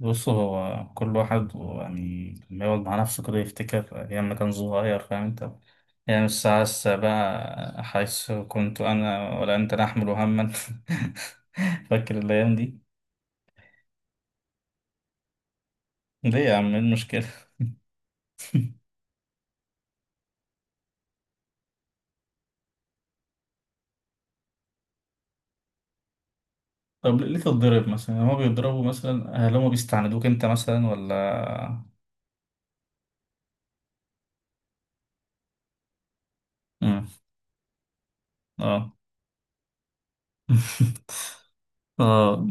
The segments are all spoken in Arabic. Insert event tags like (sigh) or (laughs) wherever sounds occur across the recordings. بص هو كل واحد يعني لما يقعد مع نفسه كده يفتكر أيام ما كان صغير، فاهم أنت؟ يعني الساعة السابعة حيث كنت أنا ولا أنت نحمل هما. (laughs) فاكر الأيام دي؟ ليه يا عم، إيه المشكلة؟ طب ليه تتضرب مثلا، هما بيضربوا مثلا؟ هل هما بيستعندوك أنت مثلا ولا؟ مم. اه. (laughs) اه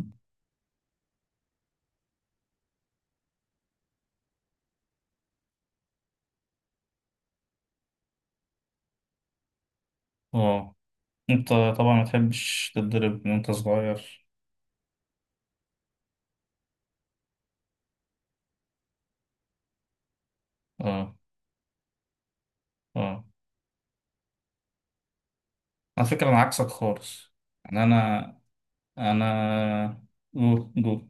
اه. أنت طبعا ما تحبش تتضرب من أنت صغير. اه اه. على فكرة أنا عكسك خالص. يعني أنا، انا جو جو.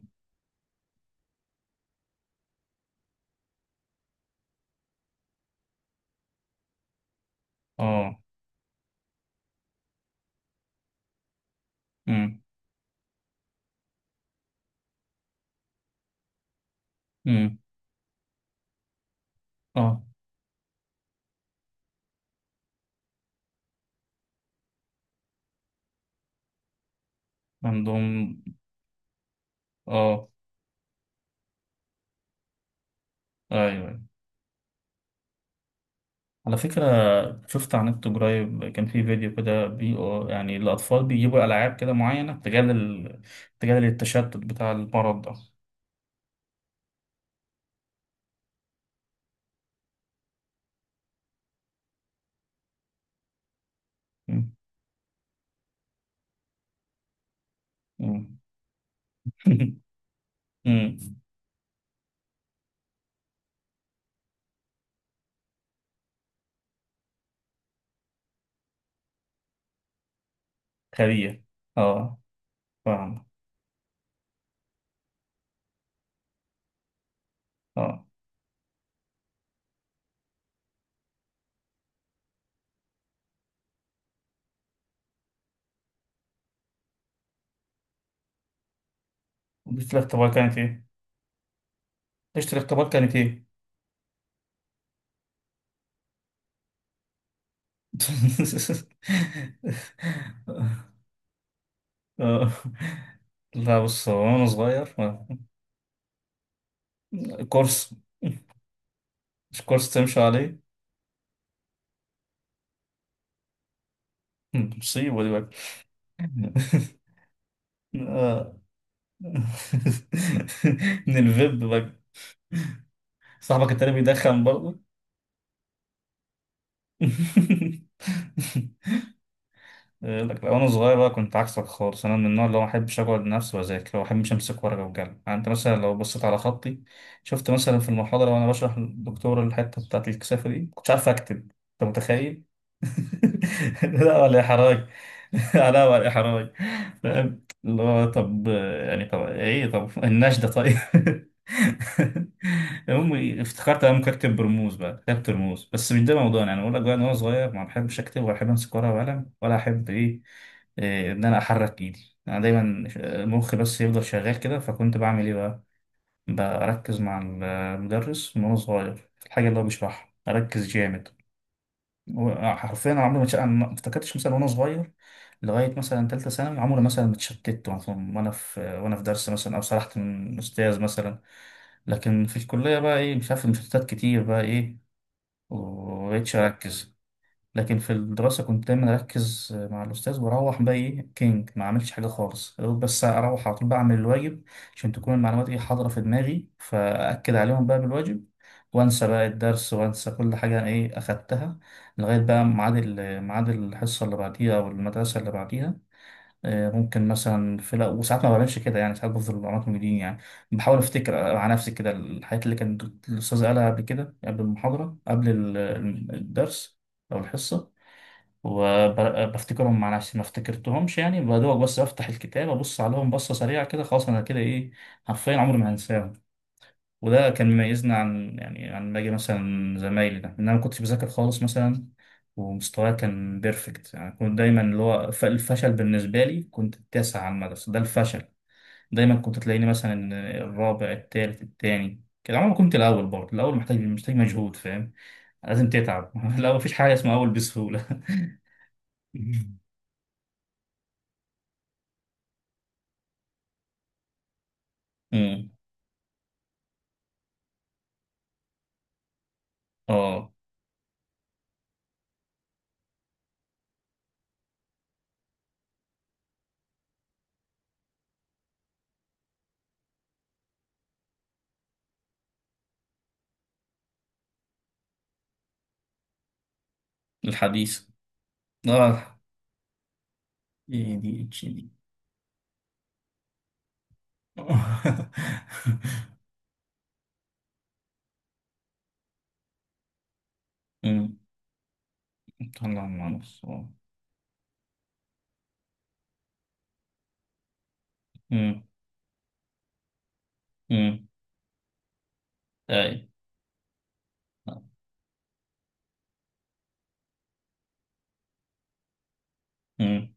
اه. امم. امم. اه. عندهم. اه. ايوه ايوه. على فكرة شفت على النت قريب، كان في فيديو كده بي، يعني الأطفال بيجيبوا ألعاب كده معينة تجادل ال... تجادل التشتت بتاع المرض ده. مم. مم. (laughs) مم. خبير. اه. فاهم. اه. ليلة الاختبار كانت ايه؟ ليلة الاختبار كانت ايه؟ (laughs) آه. لا، بص هو وانا صغير، آه، كورس. مش كورس تمشي عليه. (laughs) مصيبة دي بقى. (laughs) آه. (laughs) من الفيب بقى؟ صاحبك التاني بيدخن برضه؟ (laughs) يقول لك، لا، وانا صغير بقى كنت عكسك خالص. انا من النوع اللي هو ما احبش اقعد لنفسي واذاكر، وما احبش امسك ورقه وقلم. يعني انت مثلا لو بصيت على خطي، شفت مثلا في المحاضره وانا بشرح للدكتور الحته بتاعت الكثافه دي كنتش عارف اكتب. انت متخيل؟ (laughs) لا ولا احراج. (laughs) لا ولا احراج. فاهم اللي هو طب، يعني طب ايه طب النشده طيب. (laughs) (laughs) امي افتكرت انا كاتب برموز بقى، كتبت رموز، بس مش ده موضوعنا. يعني اقول لك بقى ان انا صغير ما بحبش اكتب، ولا احب امسك ورقه وقلم، ولا احب ايه، إيه، ان انا احرك ايدي. انا دايما مخي بس يفضل شغال كده. فكنت بعمل ايه بقى؟ بركز مع المدرس من وانا صغير في الحاجه اللي هو بيشرحها، اركز جامد. حرفيا انا عمري ما أنا ما افتكرتش مثلا وانا صغير، لغايه مثلا ثالثه ثانوي، عمري مثلا ما اتشتت مثلا وانا في درس مثلا، او سرحت من استاذ مثلا. لكن في الكليه بقى ايه، مش عارف، المشتتات كتير بقى ايه، ومبقتش اركز. لكن في الدراسة كنت دايما أركز مع الأستاذ، وأروح بقى إيه كينج ما عملتش حاجة خالص، يا دوب بس أروح على طول بعمل الواجب عشان تكون المعلومات إيه حاضرة في دماغي، فأكد عليهم بقى بالواجب، وأنسى بقى الدرس وأنسى كل حاجة إيه أخدتها لغاية بقى ميعاد ميعاد الحصة اللي بعديها أو المدرسة اللي بعديها. آه، ممكن مثلا في لا، وساعات ما بعملش كده. يعني ساعات بفضل معلومات موجودين يعني، بحاول أفتكر مع نفسي كده الحاجات اللي كان الأستاذ قالها قبل كده، قبل المحاضرة، قبل الدرس أو الحصة، وبفتكرهم مع نفسي. ما افتكرتهمش يعني بدوق، بس افتح الكتاب ابص عليهم بصه سريعه كده، خلاص انا كده ايه، حرفيا عمري ما هنساهم. وده كان مميزنا عن يعني عن باقي مثلا زمايلي ده، ان انا ما كنتش بذاكر خالص مثلا، ومستواي كان بيرفكت. يعني كنت دايما اللي هو الفشل بالنسبه لي كنت التاسع على المدرسه، ده الفشل. دايما كنت تلاقيني مثلا الرابع التالت التاني كده. عمري ما كنت الاول. برضه الاول محتاج محتاج مجهود، فاهم؟ لازم تتعب. (laughs) الاول مفيش حاجه اسمها اول بسهوله. (laughs) امم. اه. الحديث. اه. ايه دي اتش دي. (laughs) امم. طلع مع نفسه، آه. امم. امم. اي. امم.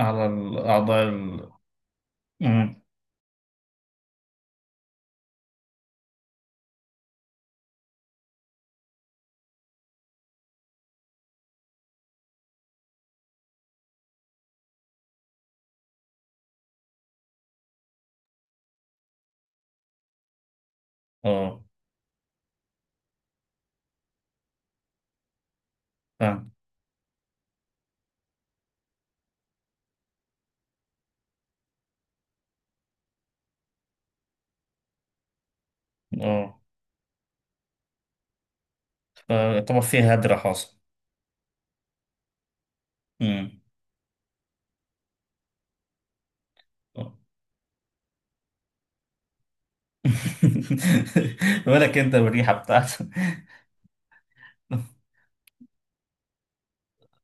على الاعضاء ال... امم. اه فاهم. اه فطبعا في هدر حاصل. امم. آه. (laughs) بالك انت بالريحه بتاعته.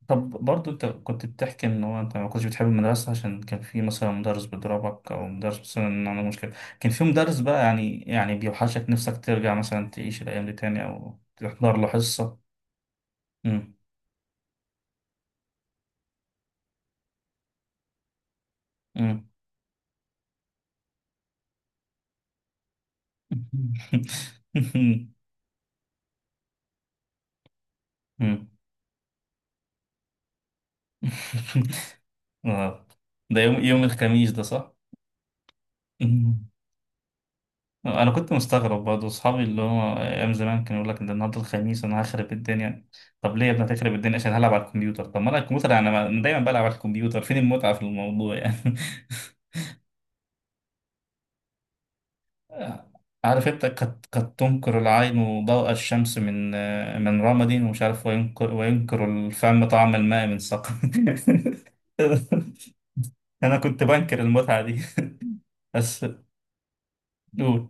طب برضو انت كنت بتحكي ان هو انت ما كنتش بتحب المدرسة عشان كان في مثلا مدرس بيضربك، او مدرس مثلا عنده مشكلة. كان في مدرس بقى يعني بيوحشك نفسك ترجع مثلا تعيش الايام دي تاني، او تحضر له حصة؟ مم. مم. (laughs) مم. (laughs) اه. ده يوم يوم الخميس ده صح؟ (laughs) انا كنت مستغرب برضه اصحابي اللي هو ايام زمان كانوا يقول لك ده النهارده الخميس، انا هخرب الدنيا. طب ليه يا ابني هتخرب الدنيا؟ عشان هلعب على الكمبيوتر؟ طب ما انا الكمبيوتر، يعني أنا دايما بلعب على الكمبيوتر. فين المتعه في الموضوع يعني؟ (laughs) عارف انت قد تنكر العين ضوء الشمس من من رمد؟ ومش عارف، وينكر الفم طعم الماء من سقم. (laughs) انا كنت بنكر المتعه دي. بس قول.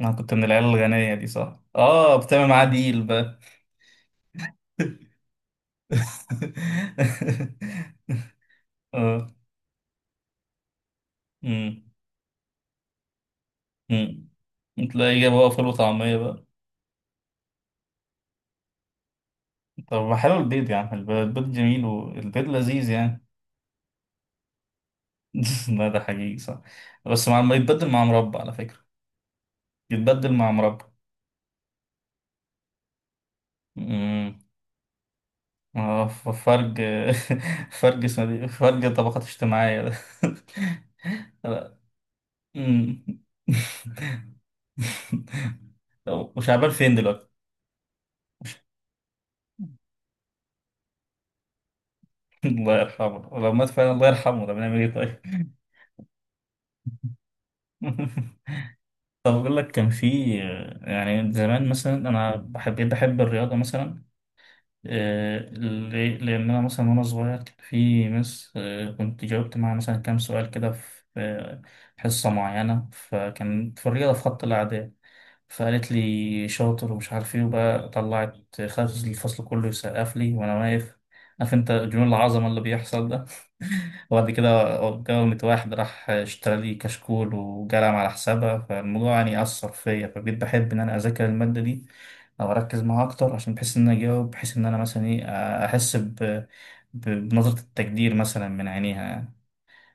انا كنت من العيال الغنيه دي صح؟ اه بتعمل معاه ديل بقى. (laughs) (laughs) اه. امم. امم. تلاقي جاب بقى فول وطعمية بقى. طب ما حلو البيض، يعني البيض جميل، والبيض لذيذ يعني. (laughs) لا ده حقيقي صح. بس مع ما يتبدل مع مربى على فكرة، يتبدل مع مربى. امم. اه فرق. (laughs) فرق اسمه دي، فرق طبقات اجتماعية ده. (laughs) لا. أمم. (laughs) طب وشعبان فين دلوقتي؟ (laughs) الله يرحمه لو مات فعلا، الله يرحمه. طب نعمل ايه طيب؟ (laughs) (laughs) طب أقول لك، كان في، يعني زمان مثلا أنا بحب الرياضة مثلا. آه، ليه؟ لأن أنا مثلا وأنا صغير كان في مس، آه، كنت جاوبت معاها مثلا كام سؤال كده في، آه، حصة معينة، فكان في الرياضة في خط الأعداد، فقالت لي شاطر ومش عارف إيه، وبقى طلعت خلت الفصل كله يسقف لي وأنا واقف. عارف أنت جنون العظمة اللي بيحصل. وبعد كده اتجوزت واحد راح اشترى لي كشكول وجلم على حسابها، فالموضوع يعني أثر فيا، فبقيت بحب إن أنا أذاكر المادة دي أو أركز معاها أكتر، عشان بحس إن أنا أجاوب، بحس إن أنا مثلا إيه، أحس ب... ب... بنظرة التقدير مثلا من عينيها يعني.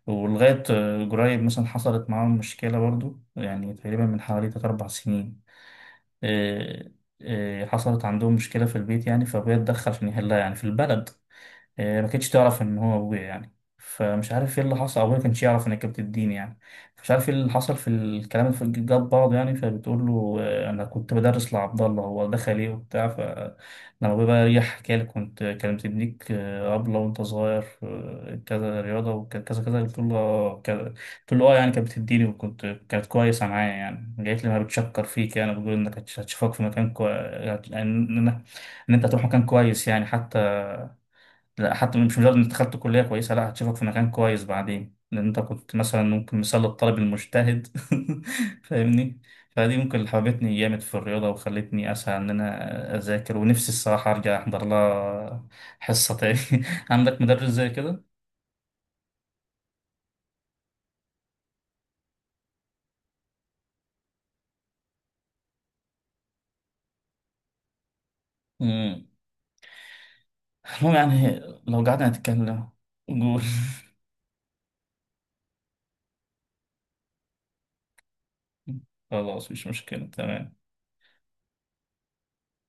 ولغاية قريب مثلا حصلت معاهم مشكلة برضو، يعني تقريبا من حوالي 3 أو 4 سنين، إيه- إيه، حصلت عندهم مشكلة في البيت يعني، فأبويا اتدخل عشان يحلها يعني في البلد. آه، ما كانتش تعرف ان هو ابويا يعني، فمش عارف ايه اللي حصل، ابويا ما كانش يعرف انك كانت الدين يعني، مش عارف ايه اللي حصل في الكلام اللي جاب بعض يعني. فبتقول له، آه، انا كنت بدرس لعبد الله، هو دخل ايه وبتاع. فلما ابويا بقى ريح حكى لي، كنت كانت بتديك، آه، طبلة وانت صغير، آه، كذا رياضة وكذا كذا كذا. قلت له، آه، كذا. قلت له اه، يعني كانت بتديني، وكنت كانت كويسة معايا يعني، جايت لي ما بتشكر فيك يعني، بتقول انك هتشوفك في مكان كويس، ان إن- إن انت هتروح مكان كويس يعني. حتى، لا حتى مش مجرد انت دخلت كلية كويسة، لا هتشوفك في مكان كويس بعدين، لان انت كنت مثلا ممكن مثال الطالب المجتهد. (laughs) فاهمني. فدي ممكن اللي حببتني جامد في الرياضة، وخلتني اسعى ان انا اذاكر. ونفسي الصراحة ارجع احضر لها حصة تاني. (laughs) عندك مدرس زي كده؟ مم. المهم يعني، لو قعدنا نتكلم. قول. (laughs) خلاص مش مشكلة، تمام.